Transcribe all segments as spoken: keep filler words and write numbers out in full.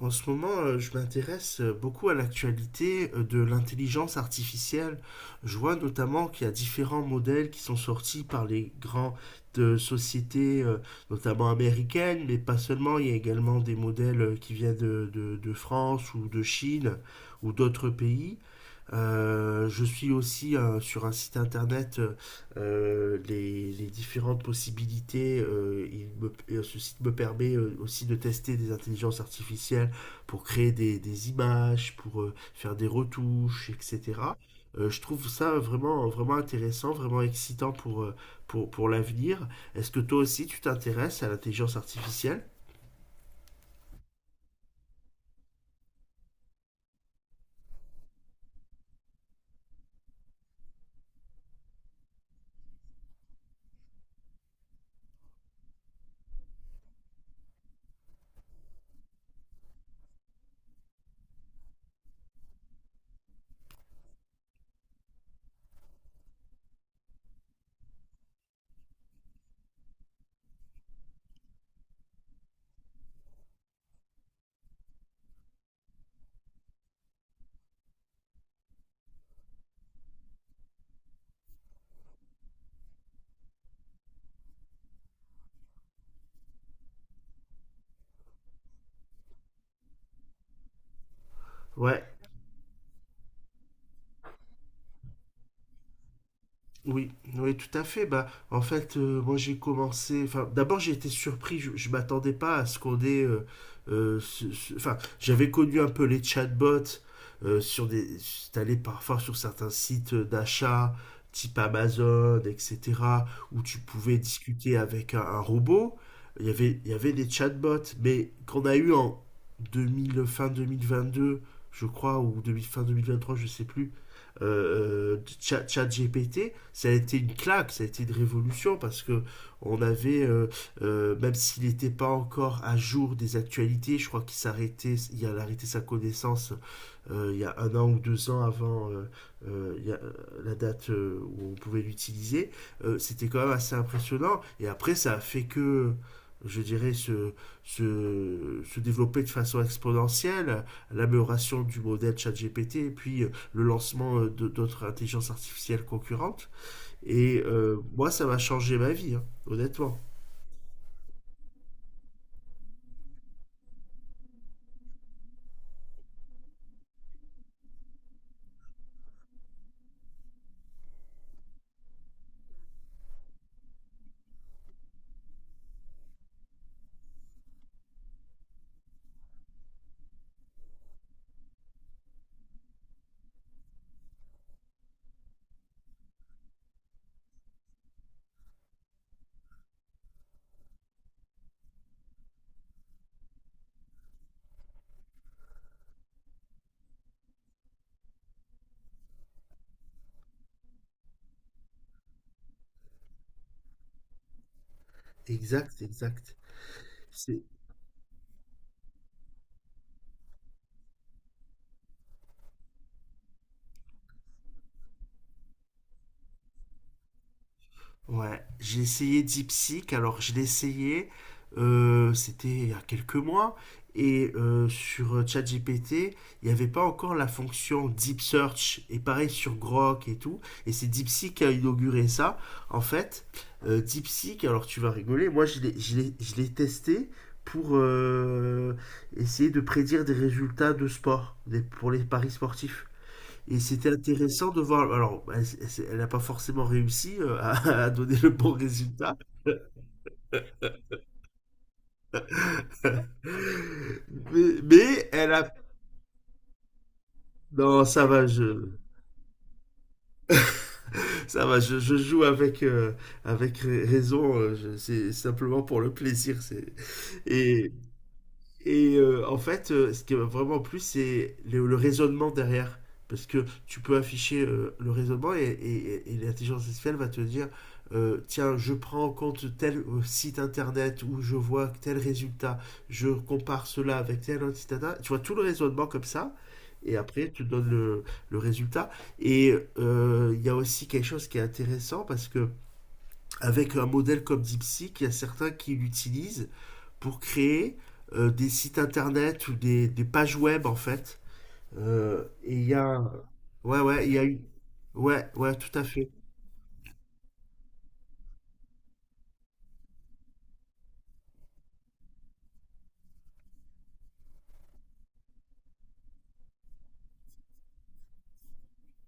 En ce moment, euh, je m'intéresse euh, beaucoup à l'actualité euh, de l'intelligence artificielle. Je vois notamment qu'il y a différents modèles qui sont sortis par les grandes euh, sociétés, euh, notamment américaines, mais pas seulement. Il y a également des modèles euh, qui viennent de, de- de France ou de Chine ou d'autres pays. Euh, je suis aussi euh, sur un site internet euh, euh, les, les différentes possibilités. Euh, il me- et ce site me permet euh, aussi de tester des intelligences artificielles pour créer des, des images, pour euh, faire des retouches, et cætera. Euh, je trouve ça vraiment, vraiment intéressant, vraiment excitant pour, euh, pour, pour l'avenir. Est-ce que toi aussi tu t'intéresses à l'intelligence artificielle? Ouais. Oui, oui, tout à fait. Bah, en fait, euh, moi j'ai commencé. Enfin, d'abord j'ai été surpris. Je, je m'attendais pas à ce qu'on ait. euh, euh, ce- ce- Enfin, j'avais connu un peu les chatbots euh, sur des. T'allais parfois sur certains sites d'achat type Amazon, et cætera, où tu pouvais discuter avec un, un robot. Il y avait, il y avait des chatbots, mais qu'on a eu en deux mille, fin deux mille vingt-deux, je crois, ou demi, fin vingt vingt-trois, je sais plus euh, Chat, G P T, ça a été une claque, ça a été une révolution parce que on avait, euh, euh, même s'il n'était pas encore à jour des actualités, je crois qu'il s'arrêtait, il a arrêté sa connaissance euh, il y a un an ou deux ans avant euh, euh, il y a, euh, la date euh, où on pouvait l'utiliser, euh, c'était quand même assez impressionnant. Et après, ça a fait que je dirais, se, se, se, développer de façon exponentielle, l'amélioration du modèle ChatGPT et puis euh, le lancement euh, de- d'autres intelligences artificielles concurrentes. Et euh, moi, ça m'a changé ma vie, hein, honnêtement. Exact, exact. C'est ouais, j'ai essayé DeepSeek, alors je l'ai essayé, euh, c'était il y a quelques mois, et euh, sur euh, ChatGPT, il n'y avait pas encore la fonction Deep Search, et pareil sur Grok et tout, et c'est DeepSeek qui a inauguré ça. En fait, euh, DeepSeek, alors tu vas rigoler, moi je l'ai je l'ai- je l'ai testé pour euh, essayer de prédire des résultats de sport, des- pour les paris sportifs. Et c'était intéressant de voir. Alors, elle c'est- elle n'a pas forcément réussi euh, à, à donner le bon résultat, mais, mais elle a. Non, ça va, je, ça va, je, je joue avec, euh, avec ra- raison. Euh, je- c'est simplement pour le plaisir. C'est, et, Et euh, en fait, euh, ce qui m'a vraiment plu, c'est le, le raisonnement derrière. Parce que tu peux afficher euh, le raisonnement et, et- et l'intelligence artificielle va te dire, euh, tiens, je prends en compte tel euh, site internet où je vois tel résultat, je compare cela avec tel autre site internet. Tu vois tout le raisonnement comme ça. Et après, tu donnes le, le résultat. Et euh, il y a aussi quelque chose qui est intéressant parce que avec un modèle comme DeepSeek, il y a certains qui l'utilisent pour créer euh, des sites internet ou des, des pages web en fait. Euh, et il y a, ouais, ouais, il y a eu, ouais, ouais, tout à fait.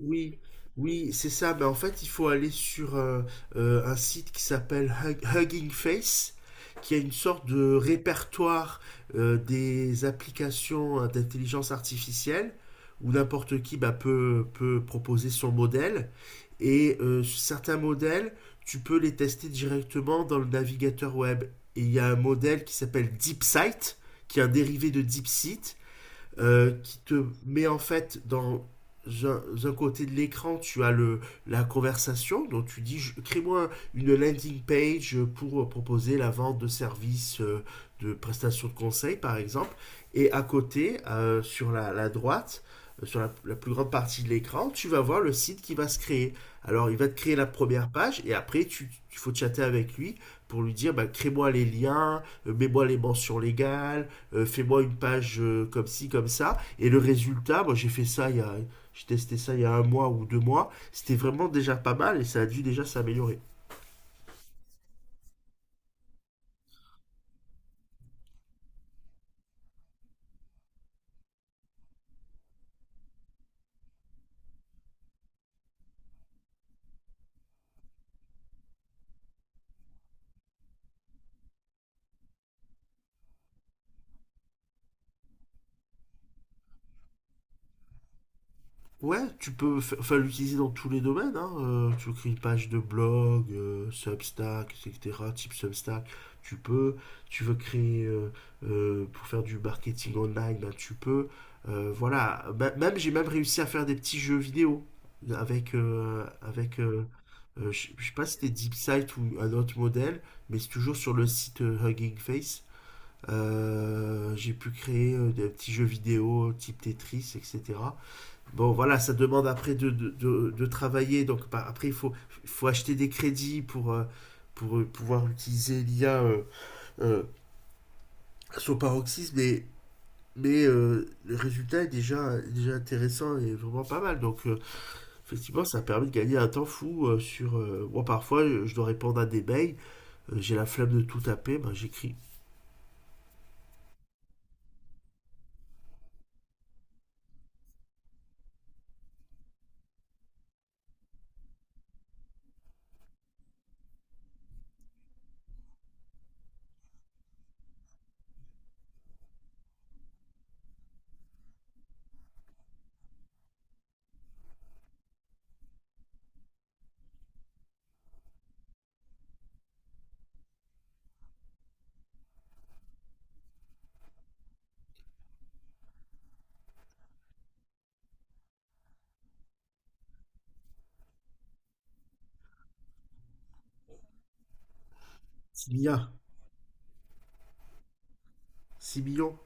Oui, oui, c'est ça. Mais en fait, il faut aller sur euh, euh, un site qui s'appelle Hug- Hugging Face, qui a une sorte de répertoire euh, des applications euh, d'intelligence artificielle, où n'importe qui bah, peut, peut proposer son modèle. Et euh, certains modèles, tu peux les tester directement dans le navigateur web. Et il y a un modèle qui s'appelle DeepSight, qui est un dérivé de DeepSeek, euh, qui te met en fait dans un, un côté de l'écran, tu as le, la conversation, donc tu dis je- crée-moi une landing page pour euh, proposer la vente de services euh, de prestations de conseil par exemple, et à côté, euh, sur la, la droite, euh, sur la, la plus grande partie de l'écran, tu vas voir le site qui va se créer. Alors il va te créer la première page et après tu, tu il faut chatter avec lui pour lui dire bah, crée-moi les liens, euh, mets-moi les mentions légales, euh, fais-moi une page euh, comme ci, comme ça. Et le résultat, moi j'ai fait ça il y a, j'ai testé ça il y a un mois ou deux mois, c'était vraiment déjà pas mal et ça a dû déjà s'améliorer. Ouais, tu peux fa- enfin, l'utiliser dans tous les domaines. Hein. Euh, tu crées une page de blog, euh, Substack, et cætera. Type Substack. Tu peux. Tu veux créer euh, euh, pour faire du marketing online, ben, tu peux. Euh, voilà. Ma- Même j'ai même réussi à faire des petits jeux vidéo avec euh, avec. euh, euh, je je sais pas si c'était DeepSight ou un autre modèle, mais c'est toujours sur le site euh, Hugging Face. Euh, j'ai pu créer euh, des petits jeux vidéo type Tetris, et cætera. Bon, voilà, ça demande après de, de, de, de travailler. Donc, par- après, il faut, il faut acheter des crédits pour, euh, pour euh, pouvoir utiliser l'I A euh, euh, à son paroxysme. Mais, mais euh, le résultat est déjà, déjà intéressant et vraiment pas mal. Donc, euh, effectivement, ça permet de gagner un temps fou euh, sur. Euh, moi, parfois, je je dois répondre à des mails. euh, J'ai la flemme de tout taper. Ben, j'écris six milliards, six millions.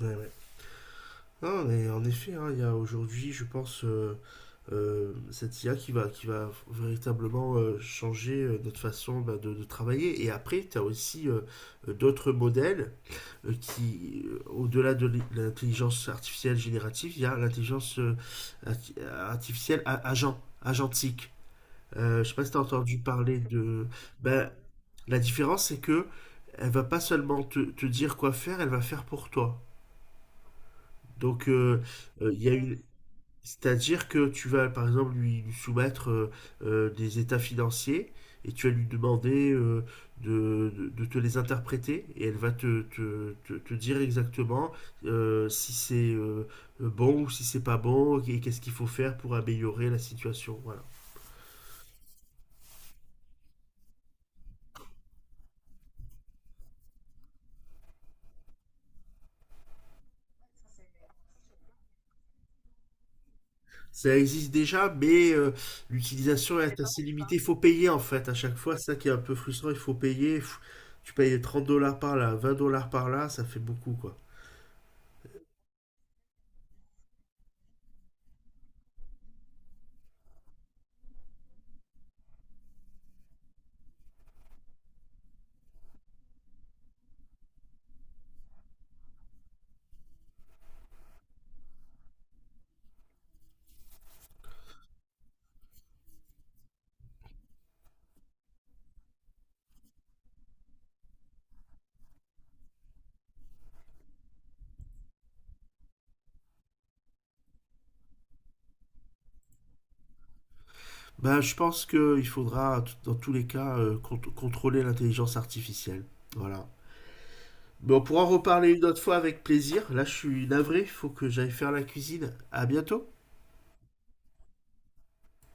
Ouais, ouais. Non, mais en effet, hein, il y a aujourd'hui, je pense, euh, euh, cette I A qui va, qui va véritablement euh, changer euh, notre façon bah, de, de travailler. Et après, tu as aussi euh, euh, d'autres modèles euh, qui, euh, au-delà de l'i- l'intelligence artificielle générative, il y a l'intelligence euh, arti- artificielle a- agent, agentique. Euh, je sais pas si tu as entendu parler de... Ben, la différence, c'est que elle va pas seulement te, te dire quoi faire, elle va faire pour toi. Donc, euh, euh, il y a une, c'est-à-dire que tu vas, par exemple, lui, lui soumettre euh, euh, des états financiers et tu vas lui demander euh, de, de- de te les interpréter et elle va te, te- te- te dire exactement euh, si c'est euh, bon ou si c'est pas bon et qu'est-ce qu'il faut faire pour améliorer la situation. Voilà. Ça existe déjà, mais euh, l'utilisation est assez limitée. Il faut payer en fait à chaque fois. C'est ça qui est un peu frustrant. Il faut payer. Pff, tu payes trente dollars par là, vingt dollars par là, ça fait beaucoup quoi. Bah, je pense qu'il faudra, t- dans tous les cas, euh, cont- contrôler l'intelligence artificielle. Voilà. Bon, on pourra en reparler une autre fois avec plaisir. Là, je suis navré, il faut que j'aille faire la cuisine. À bientôt.